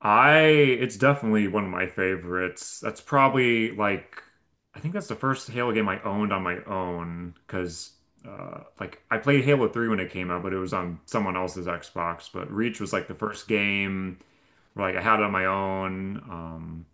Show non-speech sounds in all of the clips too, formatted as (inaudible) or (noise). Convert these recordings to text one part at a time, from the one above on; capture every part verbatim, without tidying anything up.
I it's definitely one of my favorites. That's probably like I think that's the first Halo game I owned on my own because uh like I played Halo three when it came out, but it was on someone else's Xbox. But Reach was like the first game where like I had it on my own. Um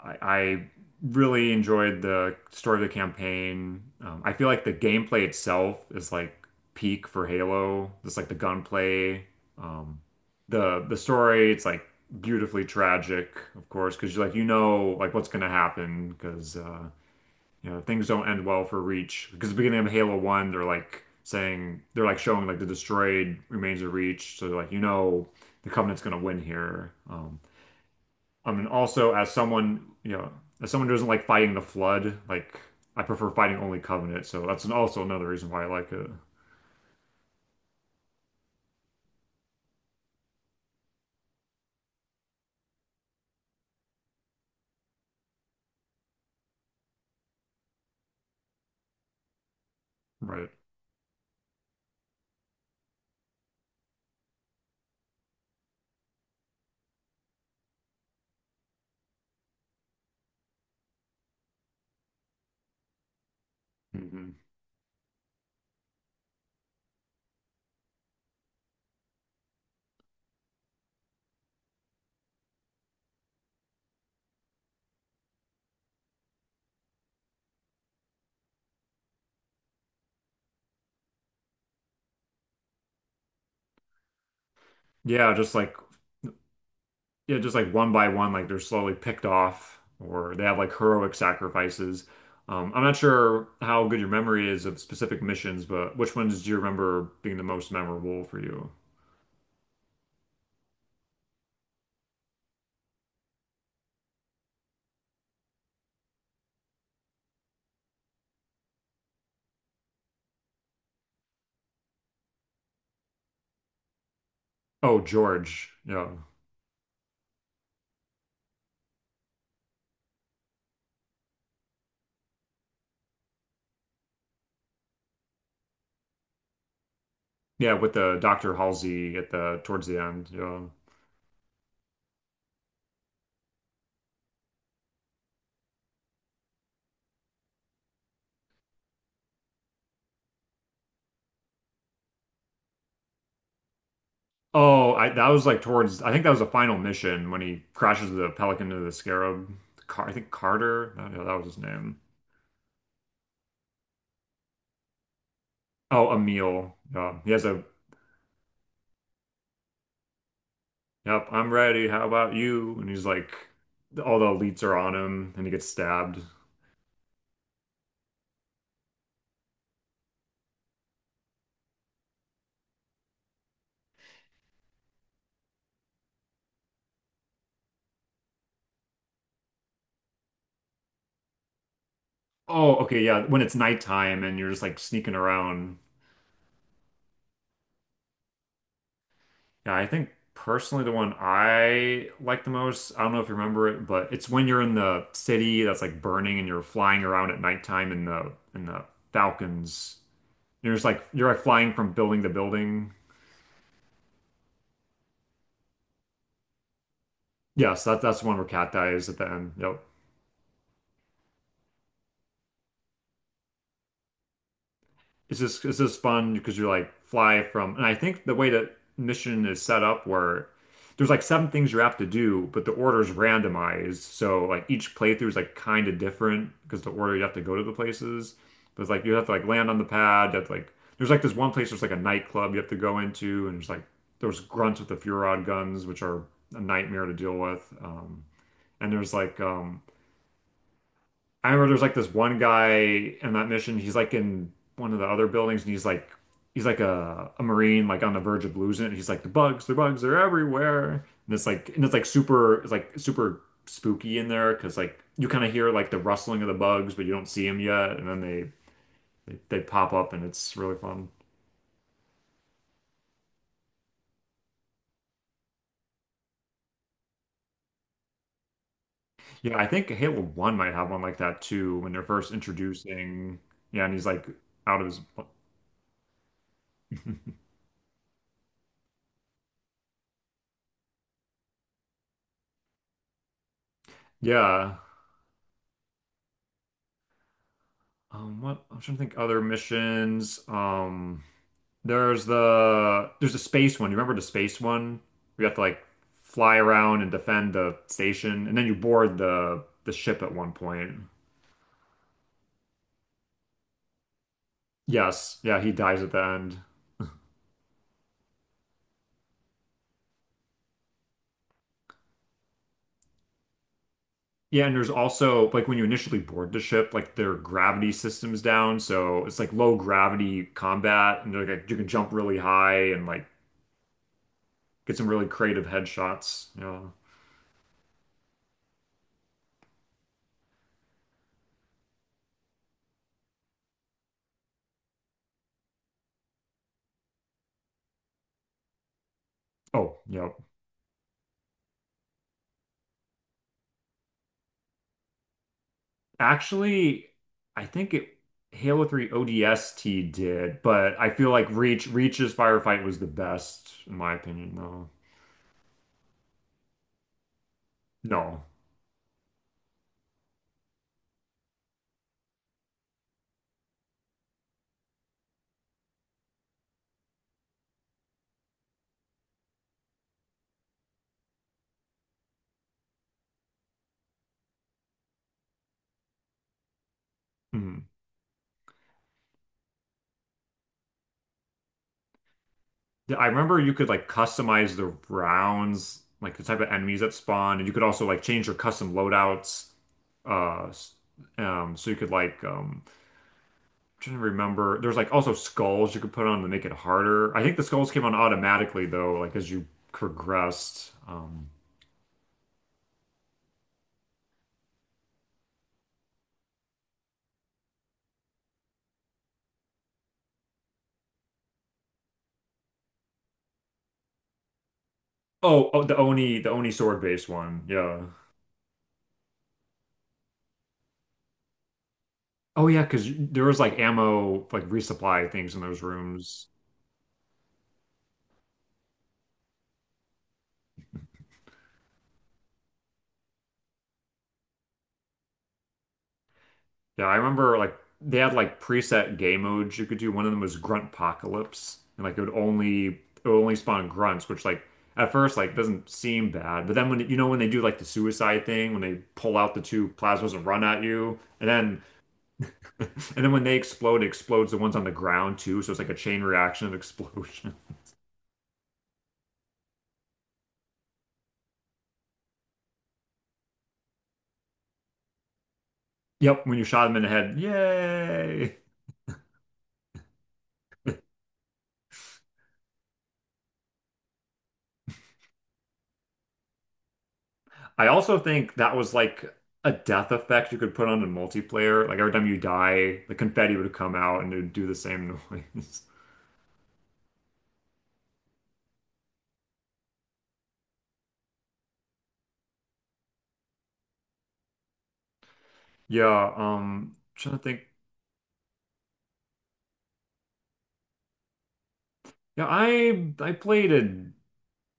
I, I really enjoyed the story of the campaign. Um, I feel like the gameplay itself is like peak for Halo. Just like the gunplay, um, the the story. It's like beautifully tragic, of course, because you like you know like what's gonna happen because uh, you know things don't end well for Reach. Because at the beginning of Halo One, they're like saying they're like showing like the destroyed remains of Reach. So like you know the Covenant's gonna win here. Um, I mean, also as someone, you know, as someone who doesn't like fighting the flood, like I prefer fighting only Covenant, so that's an, also another reason why I like it. Right. Hmm. Yeah, just like yeah, just like one by one, like they're slowly picked off, or they have like heroic sacrifices. Um, I'm not sure how good your memory is of specific missions, but which ones do you remember being the most memorable for you? Oh, George. Yeah. Yeah, with the doctor Halsey at the towards the end. Yeah. Oh, I that was like towards I think that was the final mission when he crashes the Pelican into the Scarab. Car I think Carter. I don't know, that was his name. Oh, Emil. Uh, he has a yep. I'm ready. How about you? And he's like, all the elites are on him, and he gets stabbed. Oh, okay, yeah. When it's nighttime and you're just like sneaking around. Yeah, I think personally the one I like the most. I don't know if you remember it, but it's when you're in the city that's like burning and you're flying around at nighttime in the in the Falcons. You're just like you're like flying from building to building. Yes, that that's the one where Cat dies at the end. Yep. It's just it's just fun because you're like fly from, and I think the way that mission is set up where there's like seven things you have to do, but the order's randomized. So like each playthrough is like kind of different because the order you have to go to the places. But it's like you have to like land on the pad. That's like there's like this one place there's like a nightclub you have to go into, and there's like there's grunts with the Furod guns, which are a nightmare to deal with. Um, and there's like um, I remember there's like this one guy in that mission. He's like in one of the other buildings, and he's like he's like a, a marine, like on the verge of losing it. He's like the bugs, the bugs, they're everywhere, and it's like and it's like super, it's like super spooky in there because like you kind of hear like the rustling of the bugs, but you don't see them yet, and then they. They, they pop up and it's really fun. Yeah, I think Halo one might have one like that too when they're first introducing. Yeah, and he's like out of his. (laughs) Yeah. Um, what I'm trying to think other missions. Um, There's the there's the space one. You remember the space one? We have to like fly around and defend the station, and then you board the the ship at one point. Yes, yeah, he dies at the end. Yeah, and there's also like when you initially board the ship, like their gravity system's down, so it's like low gravity combat, and they're like you can jump really high and like get some really creative headshots. Yeah. Oh, yeah. Actually, I think it Halo three O D S T did, but I feel like Reach Reach's firefight was the best in my opinion though. No. Mhm. I remember you could like customize the rounds, like the type of enemies that spawn, and you could also like change your custom loadouts. Uh s- um so you could like um I'm trying to remember there's like also skulls you could put on to make it harder. I think the skulls came on automatically though, like as you progressed. Um Oh, oh, the Oni, the Oni sword based one. Yeah. Oh yeah, because there was like ammo, like resupply things in those rooms. Yeah, I remember like they had like preset game modes you could do. One of them was Grunt Apocalypse, and like it would only it would only spawn grunts, which like at first like doesn't seem bad, but then when you know when they do like the suicide thing, when they pull out the two plasmas and run at you, and then (laughs) and then when they explode, it explodes the ones on the ground too, so it's like a chain reaction of explosion. (laughs) Yep, when you shot them in the head, yay! I also think that was like a death effect you could put on a multiplayer. Like every time you die, the confetti would come out and it would do the same noise. (laughs) Yeah, um, trying to think. Yeah, I I played a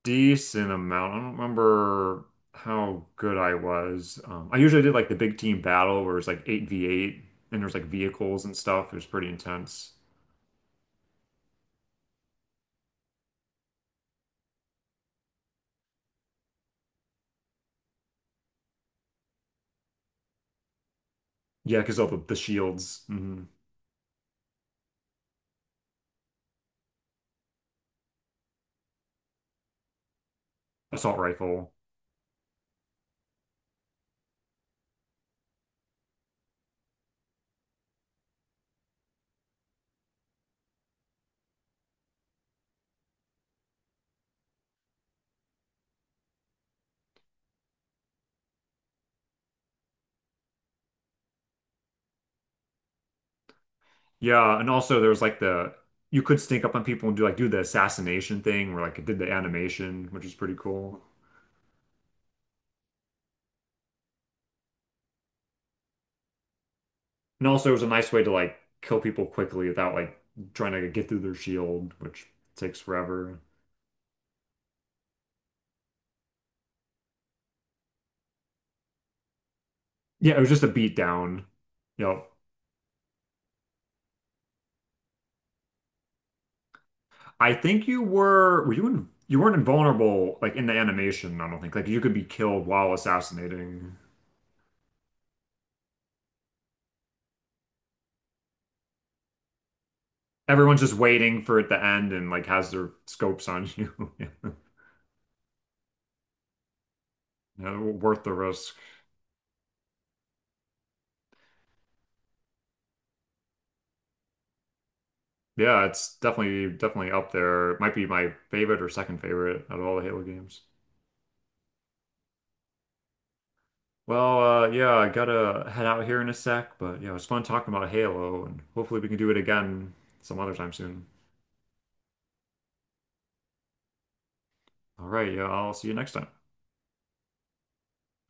decent amount. I don't remember how good I was. Um, I usually did like the big team battle where it's like eight v eight and there's like vehicles and stuff. It was pretty intense. Yeah, because all the, the shields, hmm. Assault rifle. Yeah, and also there was like the you could sneak up on people and do like do the assassination thing where like it did the animation, which is pretty cool. And also it was a nice way to like kill people quickly without like trying to get through their shield, which takes forever. Yeah, it was just a beat down. Yep. I think you were were you in, you weren't invulnerable like in the animation, I don't think. Like you could be killed while assassinating. Everyone's just waiting for it to end and like has their scopes on you. (laughs) Yeah, worth the risk. Yeah, it's definitely definitely up there. It might be my favorite or second favorite out of all the Halo games. Well, uh, yeah, I gotta head out here in a sec, but yeah, it was fun talking about Halo, and hopefully we can do it again some other time soon. All right, yeah, I'll see you next time.